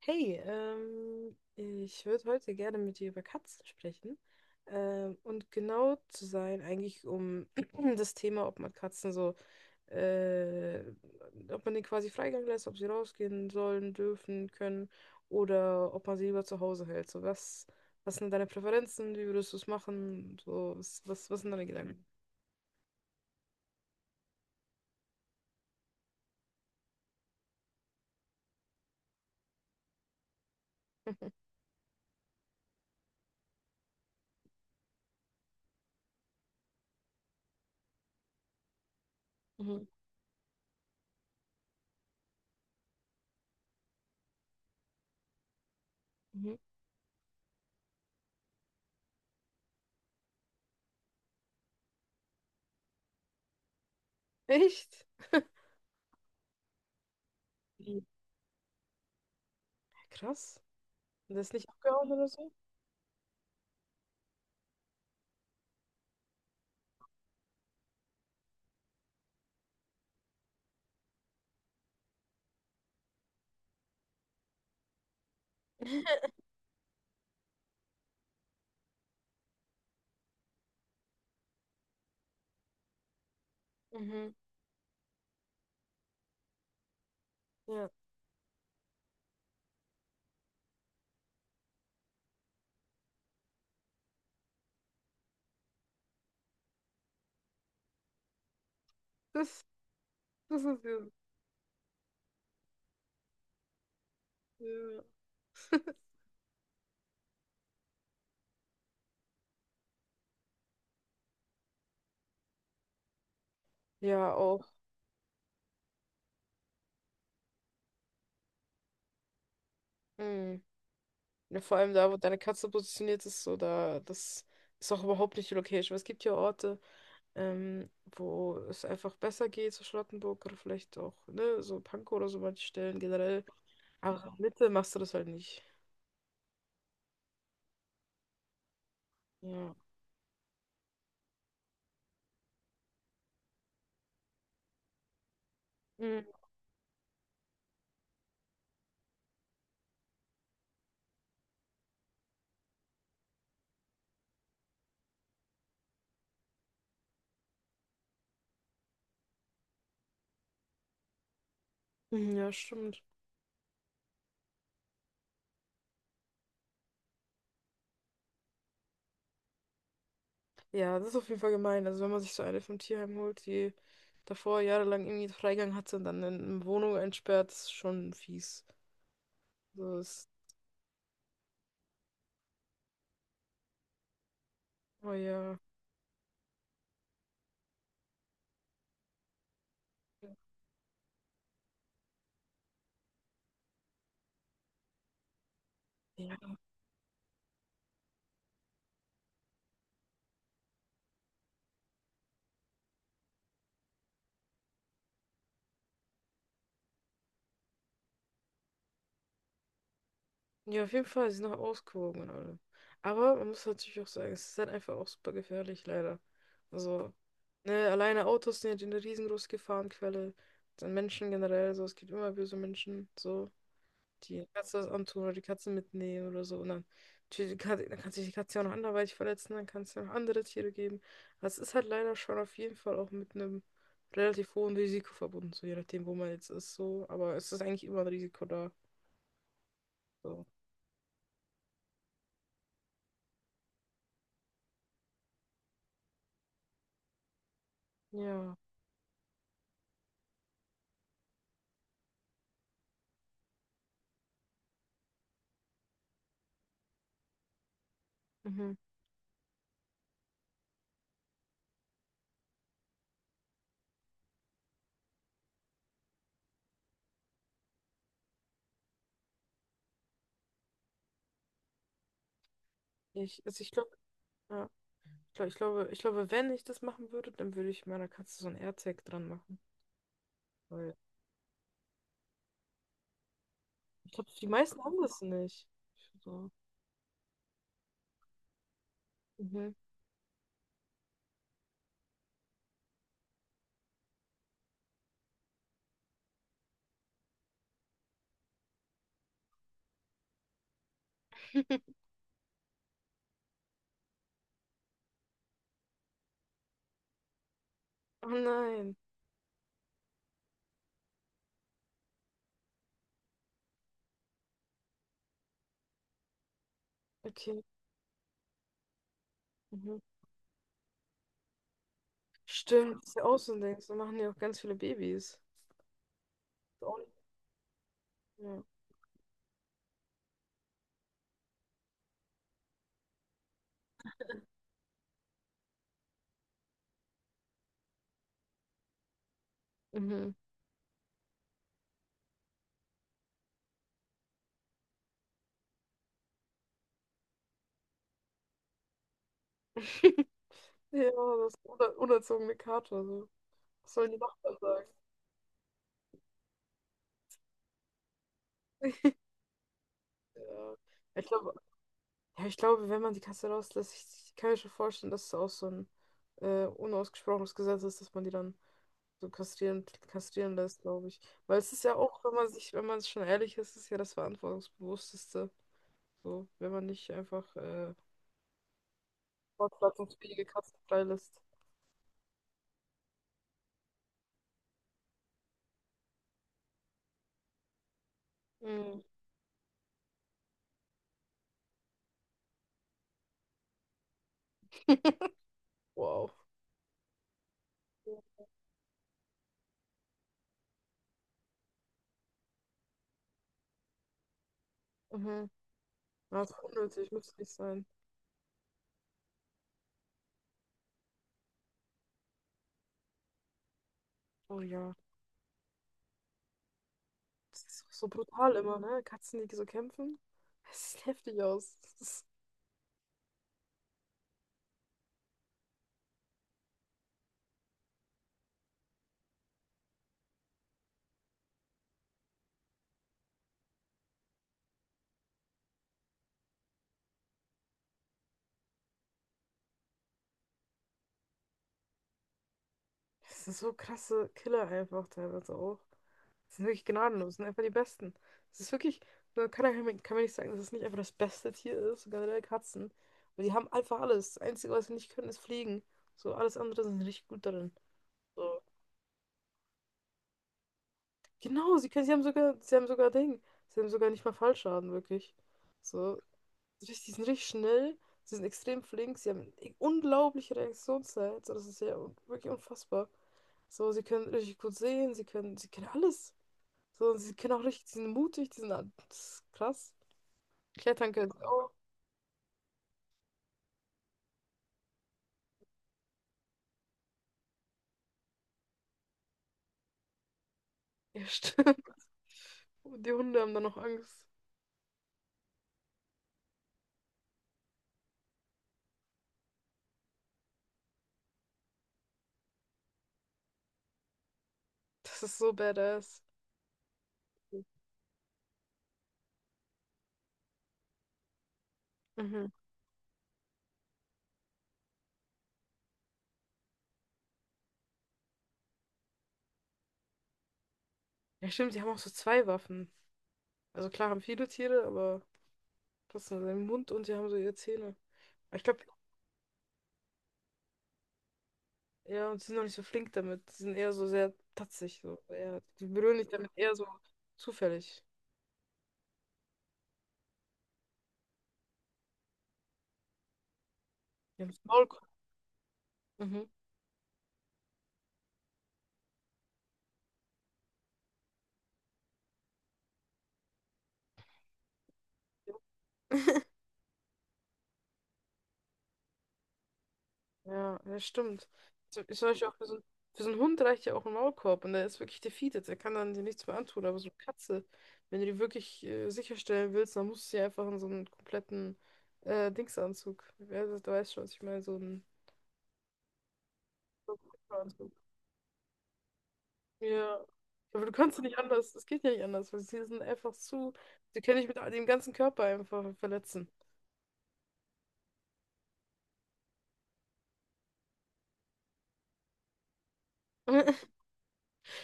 Hey, ich würde heute gerne mit dir über Katzen sprechen. Und genau zu sein, eigentlich um das Thema, ob man Katzen so, äh, ob man denen quasi Freigang lässt, ob sie rausgehen sollen, dürfen, können oder ob man sie lieber zu Hause hält. So, was sind deine Präferenzen? Wie würdest du es machen? So, was sind deine Gedanken? Mhm. Mhm. Echt? Mhm. Krass. Das ist nicht abgehauen oder so? Mhm. Ja. Das, das ist ja. Ja. Ja, auch. Mm. Ja, vor allem da, wo deine Katze positioniert ist, so da, das ist auch überhaupt nicht die Location. Weil es gibt ja Orte, ähm, wo es einfach besser geht, so Charlottenburg oder vielleicht auch, ne, so Pankow oder so manche Stellen generell. Aber in der Mitte machst du das halt nicht. Ja. Mm. Mhm, ja, stimmt. Ja, das ist auf jeden Fall gemein. Also wenn man sich so eine vom Tierheim holt, die davor jahrelang irgendwie Freigang hatte und dann in eine Wohnung einsperrt, ist schon fies. So ist, oh ja. Ja. Ja, auf jeden Fall, sie sind noch ausgewogen und alle. Aber man muss natürlich auch sagen, es ist halt einfach auch super gefährlich, leider. Also, ne, alleine Autos sind ja eine riesengroße Gefahrenquelle. Dann Menschen generell, so, es gibt immer böse Menschen, so, die Katze das antun oder die Katze mitnehmen oder so. Und dann, natürlich, die Katze- dann kann sich die Katze ja auch noch anderweitig verletzen, dann kann es ja noch andere Tiere geben. Also, es ist halt leider schon auf jeden Fall auch mit einem relativ hohen Risiko verbunden, so je nachdem, wo man jetzt ist, so. Aber es ist eigentlich immer ein Risiko da, so. Ja. Mhm. Also ich glaube, ja, ich glaube, wenn ich das machen würde, dann würde ich meiner Katze so ein AirTag dran machen. Weil ich glaube, die meisten haben das nicht. So. Mhm. Oh nein. Okay. Mhm. Stimmt, das ist ja auch so ein Ding. So machen ja auch ganz viele Babys. Ist auch nicht- Ja. Mhm. Ja, das ist eine unerzogene Kater. So. Was sollen die Nachbarn sagen? Ja. Ich glaube, ja, ich glaube, wenn man die Katze rauslässt, ich kann mir schon vorstellen, dass es auch so ein unausgesprochenes Gesetz ist, dass man die dann so kastrieren lässt, glaube ich. Weil es ist ja auch, wenn man schon ehrlich ist, ist ja das Verantwortungsbewussteste. So, wenn man nicht einfach fortpflanzungsfähige Katzen freilässt. Mhm. Wow. Mhm. Ja, das ist unnötig, muss nicht sein. Oh ja. Das ist so brutal immer, ne? Katzen, die so kämpfen. Es sieht heftig aus. Das ist das sind so krasse Killer einfach teilweise auch. Die sind wirklich gnadenlos, sind einfach die Besten. Es ist wirklich, man kann, ja- kann man nicht sagen, dass es nicht einfach das beste Tier ist, so generell Katzen. Weil die haben einfach alles. Das Einzige, was sie nicht können, ist fliegen. So, alles andere sind sie richtig gut darin. So. Genau, sie haben sogar Ding. Sie haben sogar nicht mal Fallschaden, wirklich. So, richtig- die sind richtig schnell, sie sind extrem flink, sie haben eine unglaubliche Reaktionszeit. So, das ist ja un- wirklich unfassbar. So, sie können richtig gut sehen, sie können alles. So, sie können auch richtig, sie sind mutig, die sind a- das ist krass. Klettern können sie auch. Ja, stimmt. Und die Hunde haben dann noch Angst. Das ist so badass. Mhm. Ja, stimmt, die haben auch so zwei Waffen. Also klar haben viele Tiere, aber das sind haben den Mund und sie haben so ihre Zähne. Aber ich glaube, ja, und sie sind noch nicht so flink damit. Sie sind eher so sehr tatzig. So. Eher, die berühren dich damit eher so zufällig. Die haben das Maul. Mhm. Ja, ja, stimmt. So- ist zum Beispiel auch für so einen Hund reicht ja auch ein Maulkorb und der ist wirklich defeated. Der kann dann dir nichts mehr antun. Aber so eine Katze, wenn du die wirklich sicherstellen willst, dann musst du sie einfach in so einen kompletten Dingsanzug. Ja, du weißt schon, was ich meine, so einen Kuschelanzug. Ja. Aber du kannst ja nicht anders. Es geht ja nicht anders, weil sie sind einfach zu. Sie können dich mit dem ganzen Körper einfach verletzen.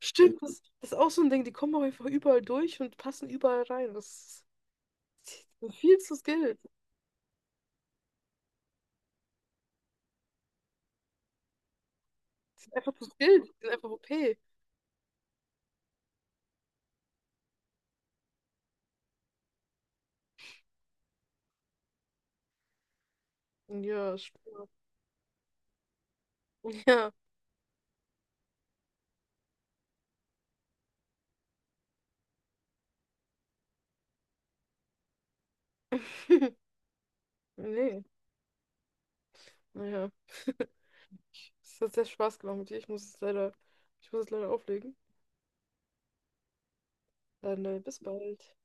Stimmt, das, das ist auch so ein Ding. Die kommen auch einfach überall durch und passen überall rein. Das ist viel zu skilled. Die sind einfach zu wild. Die sind einfach OP. Ja, stimmt. Ja. Nee. Naja. Es hat sehr Spaß gemacht mit dir. Ich muss es leider auflegen. Dann bis bald.